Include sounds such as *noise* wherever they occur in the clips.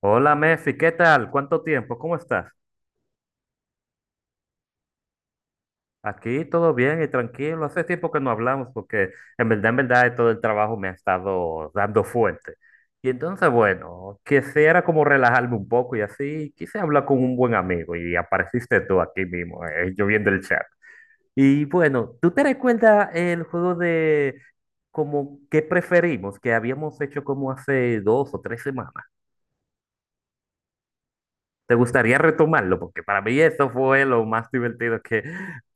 Hola Mefi, ¿qué tal? ¿Cuánto tiempo? ¿Cómo estás? Aquí todo bien y tranquilo. Hace tiempo que no hablamos porque en verdad, todo el trabajo me ha estado dando fuerte. Y entonces, bueno, quisiera como relajarme un poco y así quise hablar con un buen amigo y apareciste tú aquí mismo, yo viendo el chat. Y bueno, ¿tú te recuerdas el juego de como qué preferimos que habíamos hecho como hace dos o tres semanas? ¿Te gustaría retomarlo? Porque para mí eso fue lo más divertido que,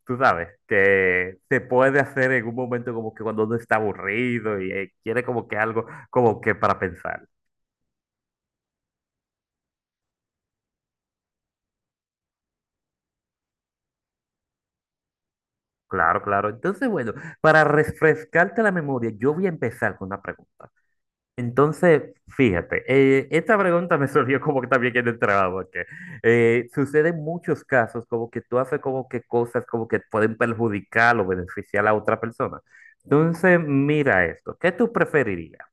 tú sabes, que se puede hacer en un momento como que cuando uno está aburrido y quiere como que algo como que para pensar. Claro, claro. Entonces, bueno, para refrescarte la memoria, yo voy a empezar con una pregunta. Entonces, fíjate, esta pregunta me *laughs* surgió como que también en el trabajo, porque suceden muchos casos como que tú haces como que cosas como que pueden perjudicar o beneficiar a otra persona. Entonces, mira esto, ¿qué tú preferirías?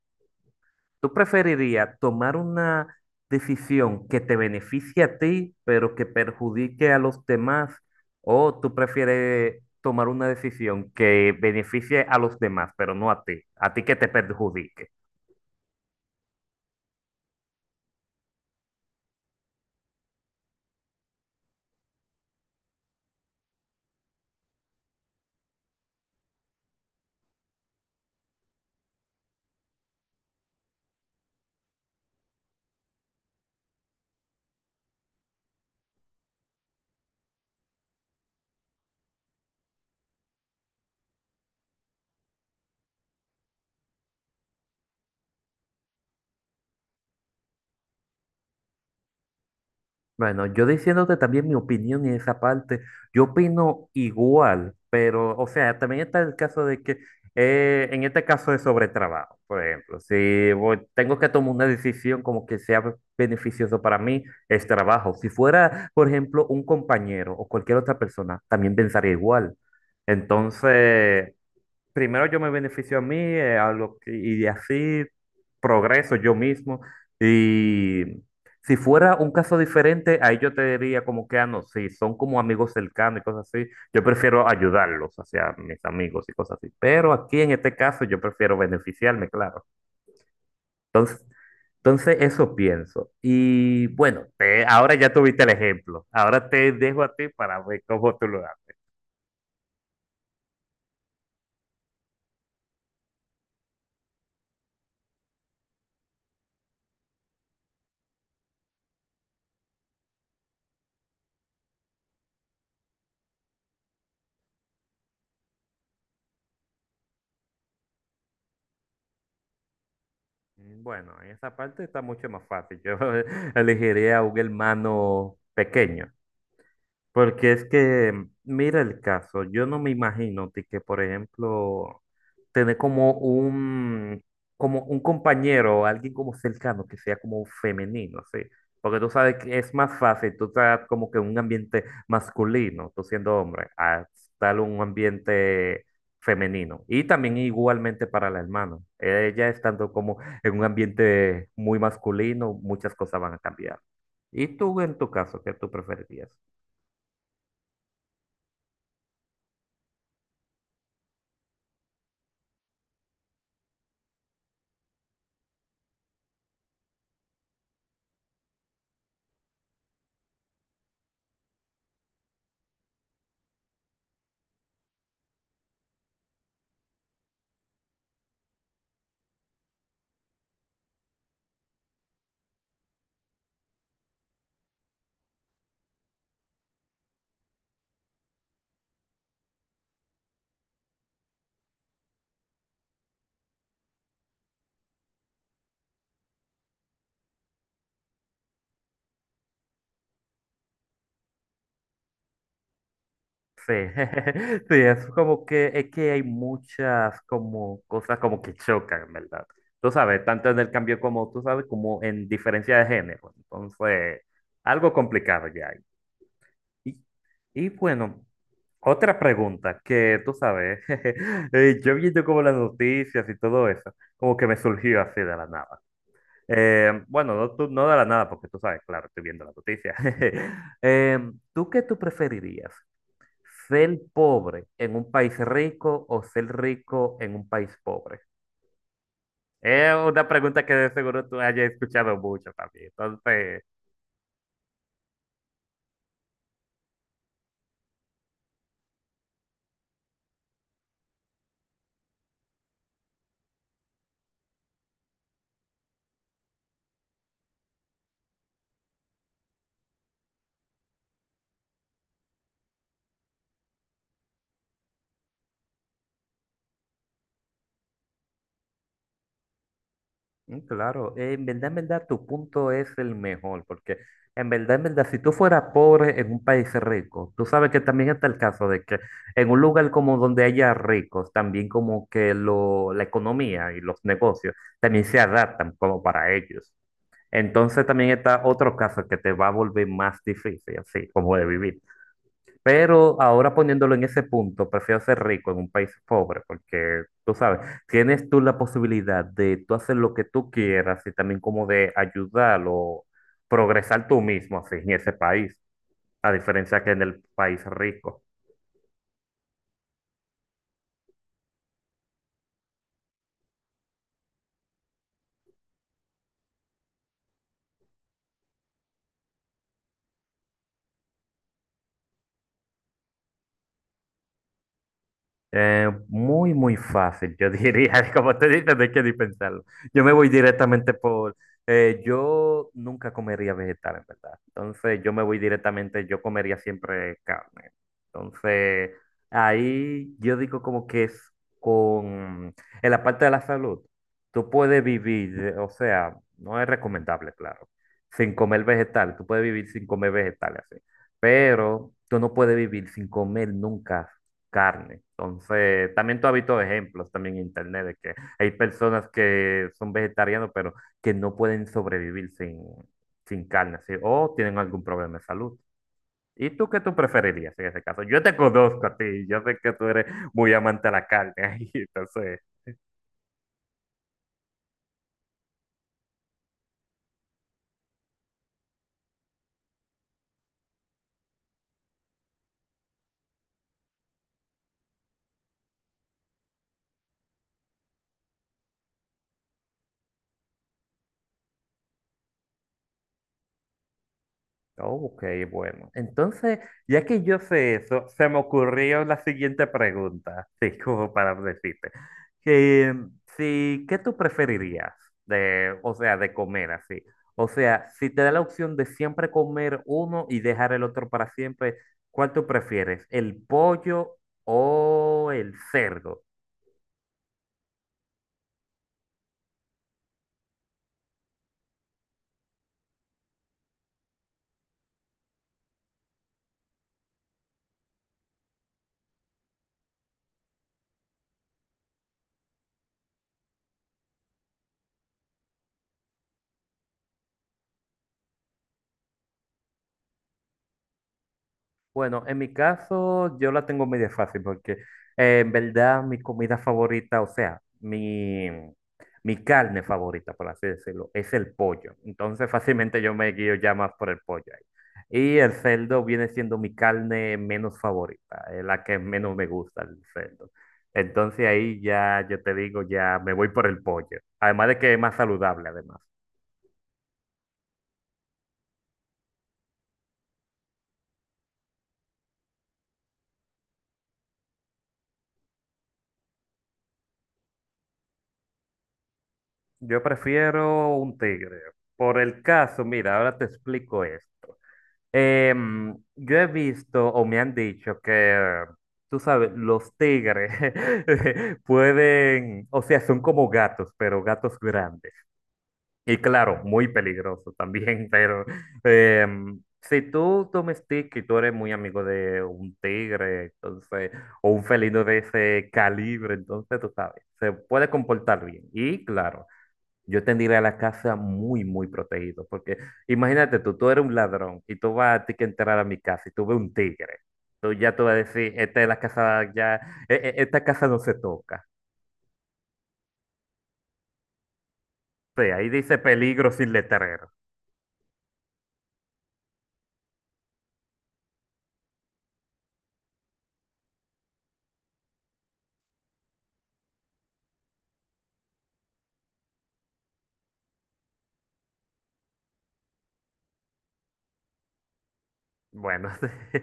¿Tú preferirías tomar una decisión que te beneficie a ti, pero que perjudique a los demás? ¿O tú prefieres tomar una decisión que beneficie a los demás, pero no a ti? ¿A ti que te perjudique? Bueno, yo diciéndote también mi opinión en esa parte, yo opino igual, pero, o sea, también está el caso de que, en este caso de sobretrabajo, por ejemplo, si voy- tengo que tomar una decisión como que sea beneficioso para mí, es trabajo. Si fuera, por ejemplo, un compañero o cualquier otra persona, también pensaría igual. Entonces, primero yo me beneficio a mí, y así progreso yo mismo. Y si fuera un caso diferente, ahí yo te diría como que, ah, no, sí, son como amigos cercanos y cosas así, yo prefiero ayudarlos, hacia mis amigos y cosas así. Pero aquí en este caso yo prefiero beneficiarme, claro. Entonces eso pienso. Y bueno, ahora ya tuviste el ejemplo. Ahora te dejo a ti para ver cómo tú lo haces. Mm, bueno, en esa parte está mucho más fácil. Yo *laughs* elegiría un hermano pequeño. Porque es que, mira el caso, yo no me imagino ti, que, por ejemplo, tener como un compañero, alguien como cercano que sea como femenino, ¿sí? Porque tú sabes que es más fácil, tú estás como que en un ambiente masculino, tú siendo hombre, a estar en un ambiente femenino. Y también igualmente para la hermana, ella estando como en un ambiente muy masculino, muchas cosas van a cambiar. ¿Y tú en tu caso, qué tú preferirías? Sí, *laughs* sí, es como que es que hay muchas como cosas como que chocan, ¿verdad? Tú sabes, tanto en el cambio como tú sabes, como en diferencia de género. Entonces, algo complicado ya hay. Y, y bueno, otra pregunta que tú sabes, *laughs* yo viendo como las noticias y todo eso, como que me surgió así de la nada. Bueno, no, no de la nada, porque tú sabes, claro, estoy viendo las noticias. *laughs* ¿Tú qué tú preferirías? ¿Ser pobre en un país rico o ser rico en un país pobre? Es una pregunta que de seguro tú hayas escuchado mucho también. Entonces, claro, en verdad, tu punto es el mejor, porque en verdad, si tú fueras pobre en un país rico, tú sabes que también está el caso de que en un lugar como donde haya ricos, también como que lo, la economía y los negocios también se adaptan como para ellos. Entonces también está otro caso que te va a volver más difícil, así como de vivir. Pero ahora poniéndolo en ese punto, prefiero ser rico en un país pobre, porque tú sabes, tienes tú la posibilidad de tú hacer lo que tú quieras y también como de ayudar o progresar tú mismo así en ese país, a diferencia que en el país rico. Muy, muy fácil, yo diría, *laughs* como te dices, no hay que ni pensarlo. Yo me voy directamente por, yo nunca comería vegetal, en verdad. Entonces, yo me voy directamente, yo comería siempre carne. Entonces, ahí yo digo como que es con, en la parte de la salud, tú puedes vivir, o sea, no es recomendable, claro, sin comer vegetal, tú puedes vivir sin comer vegetales, así. Pero tú no puedes vivir sin comer nunca carne. Entonces, también tú has visto ejemplos también en internet de que hay personas que son vegetarianos, pero que no pueden sobrevivir sin, sin carne, ¿sí? O tienen algún problema de salud. ¿Y tú qué tú preferirías en ese caso? Yo te conozco a ti, yo sé que tú eres muy amante a la carne, *laughs* entonces ok, bueno. Entonces, ya que yo sé eso, se me ocurrió la siguiente pregunta, *laughs* sí, como para decirte. Que, si, ¿qué tú preferirías de, o sea, de comer así? O sea, si te da la opción de siempre comer uno y dejar el otro para siempre, ¿cuál tú prefieres? ¿El pollo o el cerdo? Bueno, en mi caso yo la tengo medio fácil porque en verdad mi comida favorita, o sea, mi carne favorita, por así decirlo, es el pollo. Entonces fácilmente yo me guío ya más por el pollo ahí. Y el cerdo viene siendo mi carne menos favorita, es la que menos me gusta el cerdo. Entonces ahí ya yo te digo, ya me voy por el pollo. Además de que es más saludable, además. Yo prefiero un tigre. Por el caso, mira, ahora te explico esto. Yo he visto o me han dicho que, tú sabes, los tigres *laughs* pueden, o sea, son como gatos, pero gatos grandes. Y claro, muy peligroso también, *laughs* pero si tú domesticas y tú eres muy amigo de un tigre, entonces, o un felino de ese calibre, entonces tú sabes, se puede comportar bien. Y claro. Yo tendría la casa muy, muy protegido, porque imagínate tú, tú eres un ladrón y tú vas a ti que entrar a mi casa y tú ves un tigre. Tú ya tú vas a decir, esta es la casa, ya, esta casa no se toca. Sí, ahí dice peligro sin letrero. Bueno, *laughs* sí.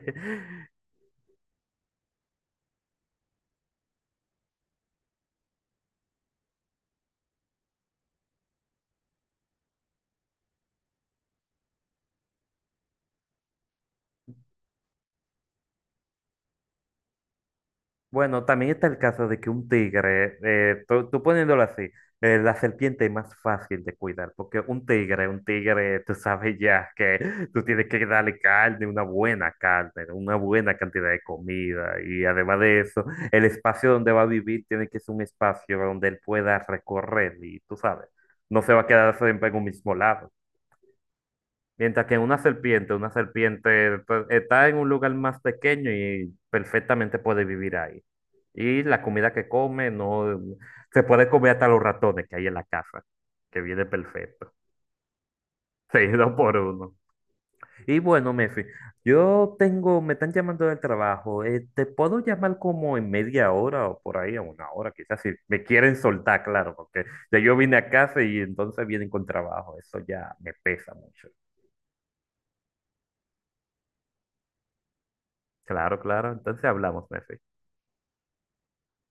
Bueno, también está el caso de que un tigre, tú, tú poniéndolo así, la serpiente es más fácil de cuidar, porque un tigre, tú sabes ya que tú tienes que darle carne, una buena cantidad de comida, y además de eso, el espacio donde va a vivir tiene que ser un espacio donde él pueda recorrer, y tú sabes, no se va a quedar siempre en un mismo lado. Mientras que una serpiente pues, está en un lugar más pequeño y perfectamente puede vivir ahí. Y la comida que come, no mm, se puede comer hasta los ratones que hay en la casa, que viene perfecto, *laughs* seguido por uno. Y bueno, Mefi, yo tengo, me están llamando del trabajo, te puedo llamar como en media hora o por ahí, a una hora, quizás si me quieren soltar, claro, porque ya yo vine a casa y entonces vienen con trabajo, eso ya me pesa mucho. Claro, claro, entonces hablamos, Mefi.